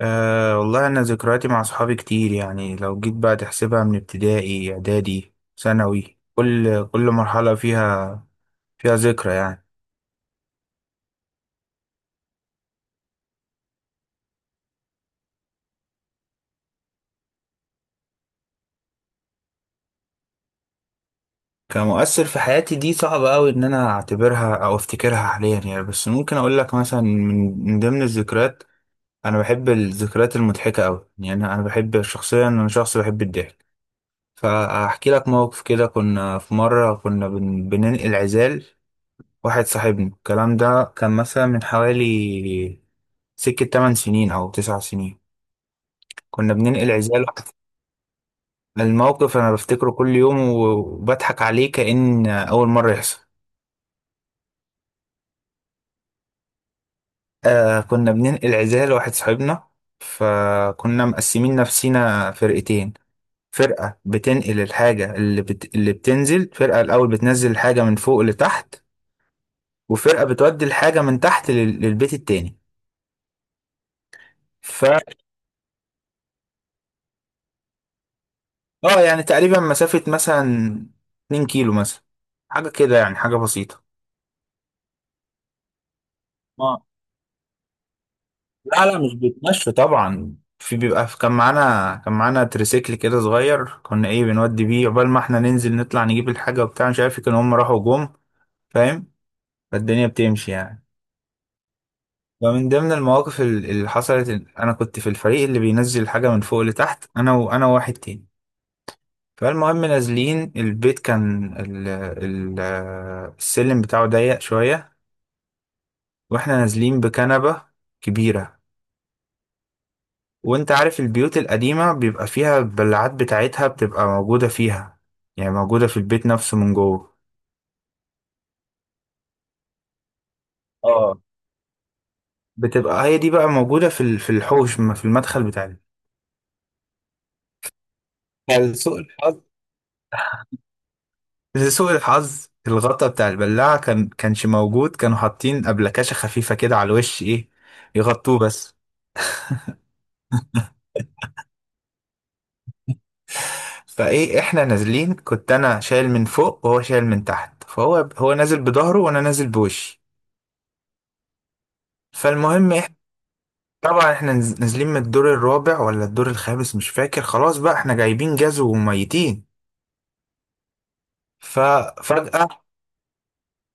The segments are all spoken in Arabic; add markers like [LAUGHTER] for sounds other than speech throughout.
أه والله أنا ذكرياتي مع أصحابي كتير يعني لو جيت بقى تحسبها من ابتدائي إعدادي ثانوي كل مرحلة فيها ذكرى يعني. كمؤثر في حياتي دي صعب أوي إن أنا أعتبرها أو أفتكرها حاليا يعني، بس ممكن أقول لك مثلا من ضمن الذكريات. أنا بحب الذكريات المضحكة أوي يعني، أنا بحب شخصيا، أنا شخص بحب الضحك. فأحكي لك موقف كده، كنا في مرة كنا بننقل عزال واحد صاحبنا. الكلام ده كان مثلا من حوالي سكة 8 سنين أو 9 سنين. كنا بننقل عزال. الموقف أنا بفتكره كل يوم وبضحك عليه كأن أول مرة يحصل. آه كنا بننقل عزال لواحد صاحبنا، فكنا مقسمين نفسينا فرقتين. فرقة بتنقل الحاجة اللي بتنزل، فرقة الأول بتنزل الحاجة من فوق لتحت، وفرقة بتودي الحاجة من تحت للبيت التاني. ف اه يعني تقريبا مسافة مثلا 2 كيلو مثلا، حاجة كده يعني، حاجة بسيطة. اه. لا مش بيتمشوا طبعا، في بيبقى في، كان معانا تريسيكل كده صغير كنا ايه بنودي بيه، عقبال ما احنا ننزل نطلع نجيب الحاجة وبتاع، مش عارف كانوا هم راحوا جم. فاهم؟ فالدنيا بتمشي يعني. ومن ضمن المواقف اللي حصلت إن انا كنت في الفريق اللي بينزل الحاجة من فوق لتحت، انا وانا وواحد تاني. فالمهم نازلين البيت، كان ال ال السلم بتاعه ضيق شوية، واحنا نازلين بكنبة كبيرة. وانت عارف البيوت القديمة بيبقى فيها البلعات بتاعتها بتبقى موجودة فيها، يعني موجودة في البيت نفسه من جوه. اه، بتبقى هي دي بقى موجودة في في الحوش ما في المدخل بتاعنا. فلسوء الحظ، لسوء الحظ الغطا بتاع البلاعة كان كانش موجود، كانوا حاطين أبلكاشة خفيفة كده على الوش ايه يغطوه بس. فايه احنا نازلين، كنت انا شايل من فوق وهو شايل من تحت، فهو نازل بظهره وانا نازل بوشي. فالمهم طبعا احنا نازلين من الدور الرابع ولا الدور الخامس مش فاكر، خلاص بقى احنا جايبين جاز وميتين. ففجأة،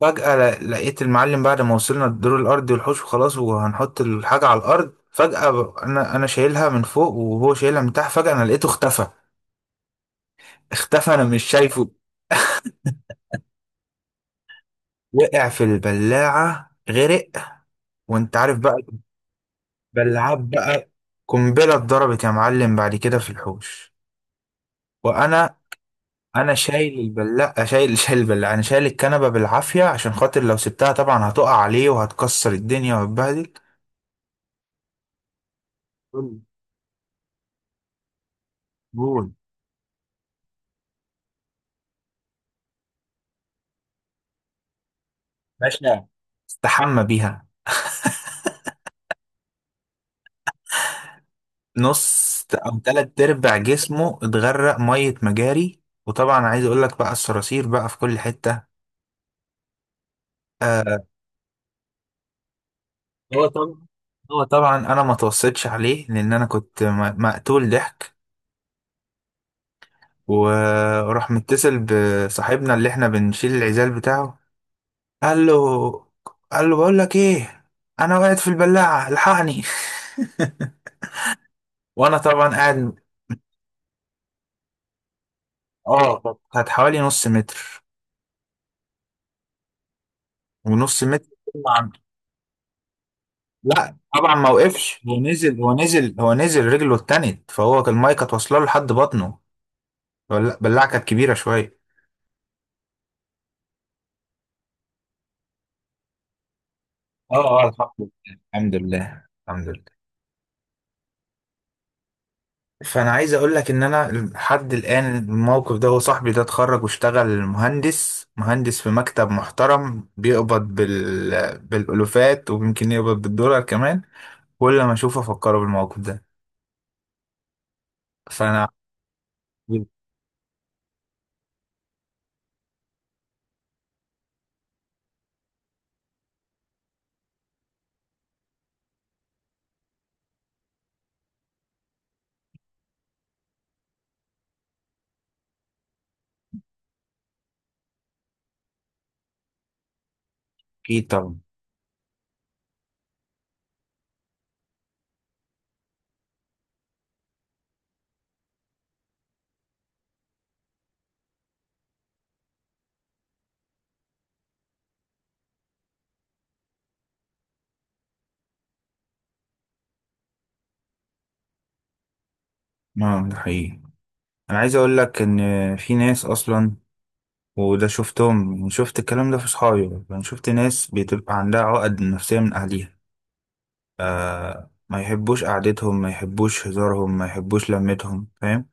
فجأة لقيت المعلم بعد ما وصلنا الدور الأرضي والحوش وخلاص وهنحط الحاجة على الأرض، فجأة أنا شايلها من فوق وهو شايلها من تحت، فجأة أنا لقيته اختفى، اختفى، أنا مش شايفه. وقع في البلاعة، غرق. وأنت عارف بقى البلاعات بقى، قنبلة اتضربت يا معلم بعد كده في الحوش. وأنا انا شايل البلاعه، شايل البلاعه، انا شايل الكنبه بالعافيه عشان خاطر لو سبتها طبعا هتقع عليه وهتكسر الدنيا وهتبهدل. قول قول. باشا، استحمى بيها. نص او تلات ارباع جسمه اتغرق ميه مجاري، وطبعا عايز اقول لك بقى الصراصير بقى في كل حته. آه، هو طبعا هو طبعا انا ما توصيتش عليه لان انا كنت مقتول ضحك. وراح متصل بصاحبنا اللي احنا بنشيل العزال بتاعه، قال له قال له بقول لك ايه، انا وقعت في البلاعه الحقني. [LAUGHS] وانا طبعا قاعد. اه كانت، حوالي نص متر ونص متر. طبعا. لا طبعا ما وقفش، هو نزل رجله اتنت، فهو كان المايه كانت واصله له لحد بطنه. البلاعه كانت كبيره شويه. اه اه، الحمد لله الحمد لله. فانا عايز اقول لك ان انا لحد الان الموقف ده، هو صاحبي ده اتخرج واشتغل مهندس، في مكتب محترم بيقبض بالالوفات، ويمكن يقبض بالدولار كمان. كل ما اشوفه افكره بالموقف ده. فانا اكيد طبعا. اه ده حقيقي. انا عايز اقول لك ان في ناس اصلا، وده شفتهم، شفت الكلام ده في صحابي، انا شفت ناس بتبقى عندها عقد نفسية من اهليها. ما يحبوش قعدتهم، ما يحبوش هزارهم، ما يحبوش لمتهم. فاهم؟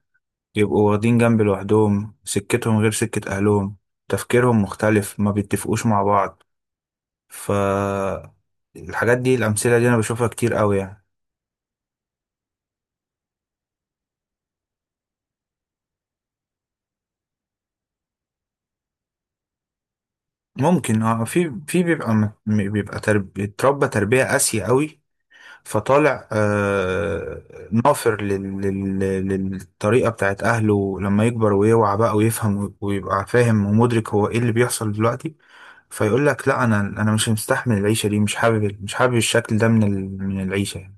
يبقوا واخدين جنب لوحدهم، سكتهم غير سكة أهلهم، تفكيرهم مختلف، ما بيتفقوش مع بعض. ف الحاجات دي، الأمثلة دي أنا بشوفها كتير قوي يعني. ممكن اه، في في بيبقى بيبقى اتربى تربية قاسية قوي، فطالع آه نافر للطريقة بتاعت أهله. لما يكبر ويوعى بقى ويفهم ويبقى فاهم ومدرك هو إيه اللي بيحصل دلوقتي، فيقول لك لا أنا مش مستحمل العيشة دي، مش حابب الشكل ده من العيشة يعني.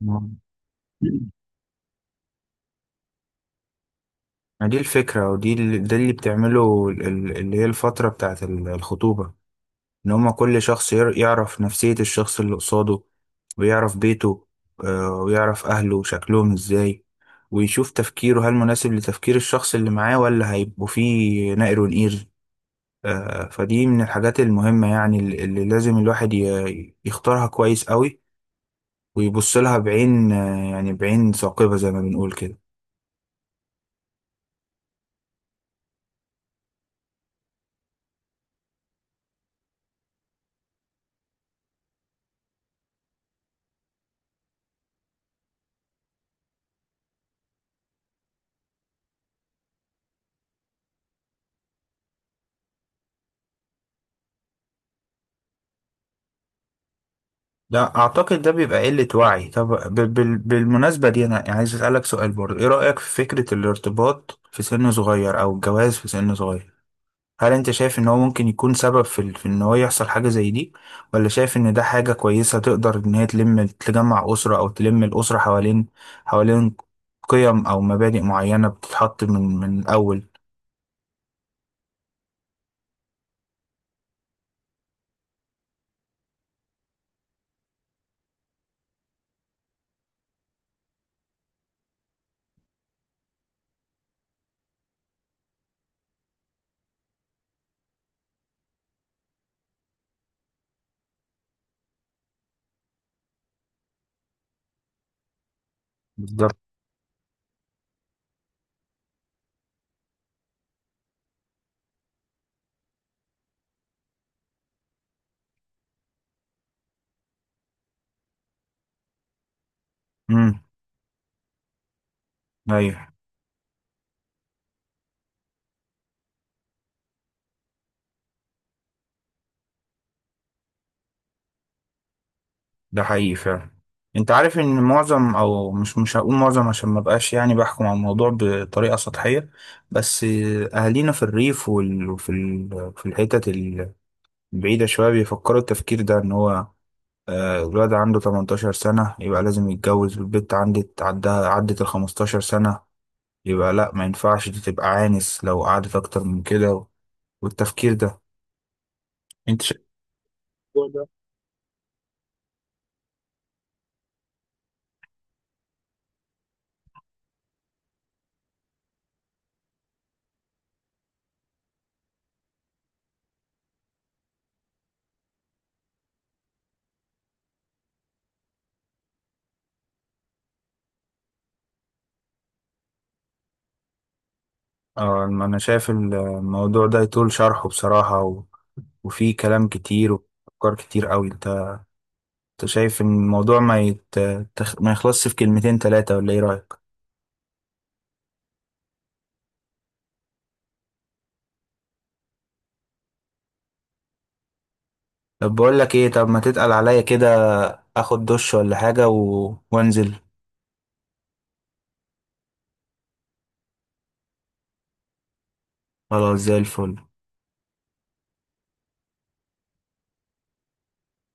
ما ما دي الفكرة، ودي ده اللي بتعمله اللي هي الفترة بتاعت الخطوبة. إن هما كل شخص يعرف نفسية الشخص اللي قصاده، ويعرف بيته، آه، ويعرف أهله شكلهم إزاي، ويشوف تفكيره هل مناسب لتفكير الشخص اللي معاه، ولا هيبقوا فيه نقر ونقير. آه، فدي من الحاجات المهمة يعني، اللي لازم الواحد يختارها كويس قوي، ويبص لها بعين آه، يعني بعين ثاقبة زي ما بنقول كده. لا اعتقد ده بيبقى قلة وعي. طب، بالمناسبة دي انا عايز اسألك سؤال برضه، ايه رأيك في فكرة الارتباط في سن صغير او الجواز في سن صغير؟ هل انت شايف ان هو ممكن يكون سبب في في ان هو يحصل حاجة زي دي، ولا شايف ان ده حاجة كويسة تقدر ان هي تلم، تجمع أسرة، او تلم الأسرة حوالين قيم او مبادئ معينة بتتحط من الاول؟ بالظبط. امم. ايوه. ده حقيقي فعلا. انت عارف ان معظم، او مش هقول معظم عشان ما بقاش يعني بحكم على الموضوع بطريقه سطحيه، بس اهالينا في الريف في الحتت البعيده شويه بيفكروا التفكير ده، ان هو آه، الولد عنده 18 سنه يبقى لازم يتجوز، والبنت عدت ال 15 سنه يبقى لا ما ينفعش، دي تبقى عانس لو قعدت اكتر من كده. والتفكير ده انت شايف الموضوع ده. اه، انا شايف الموضوع ده يطول شرحه بصراحه، وفي كلام كتير وأفكار كتير قوي. انت شايف ان الموضوع ما يت... تخ- ما يخلصش في كلمتين تلاتة، ولا ايه رأيك؟ طب بقول لك ايه، طب ما تتقل عليا كده، اخد دش ولا حاجة وانزل. خلاص زي الفل.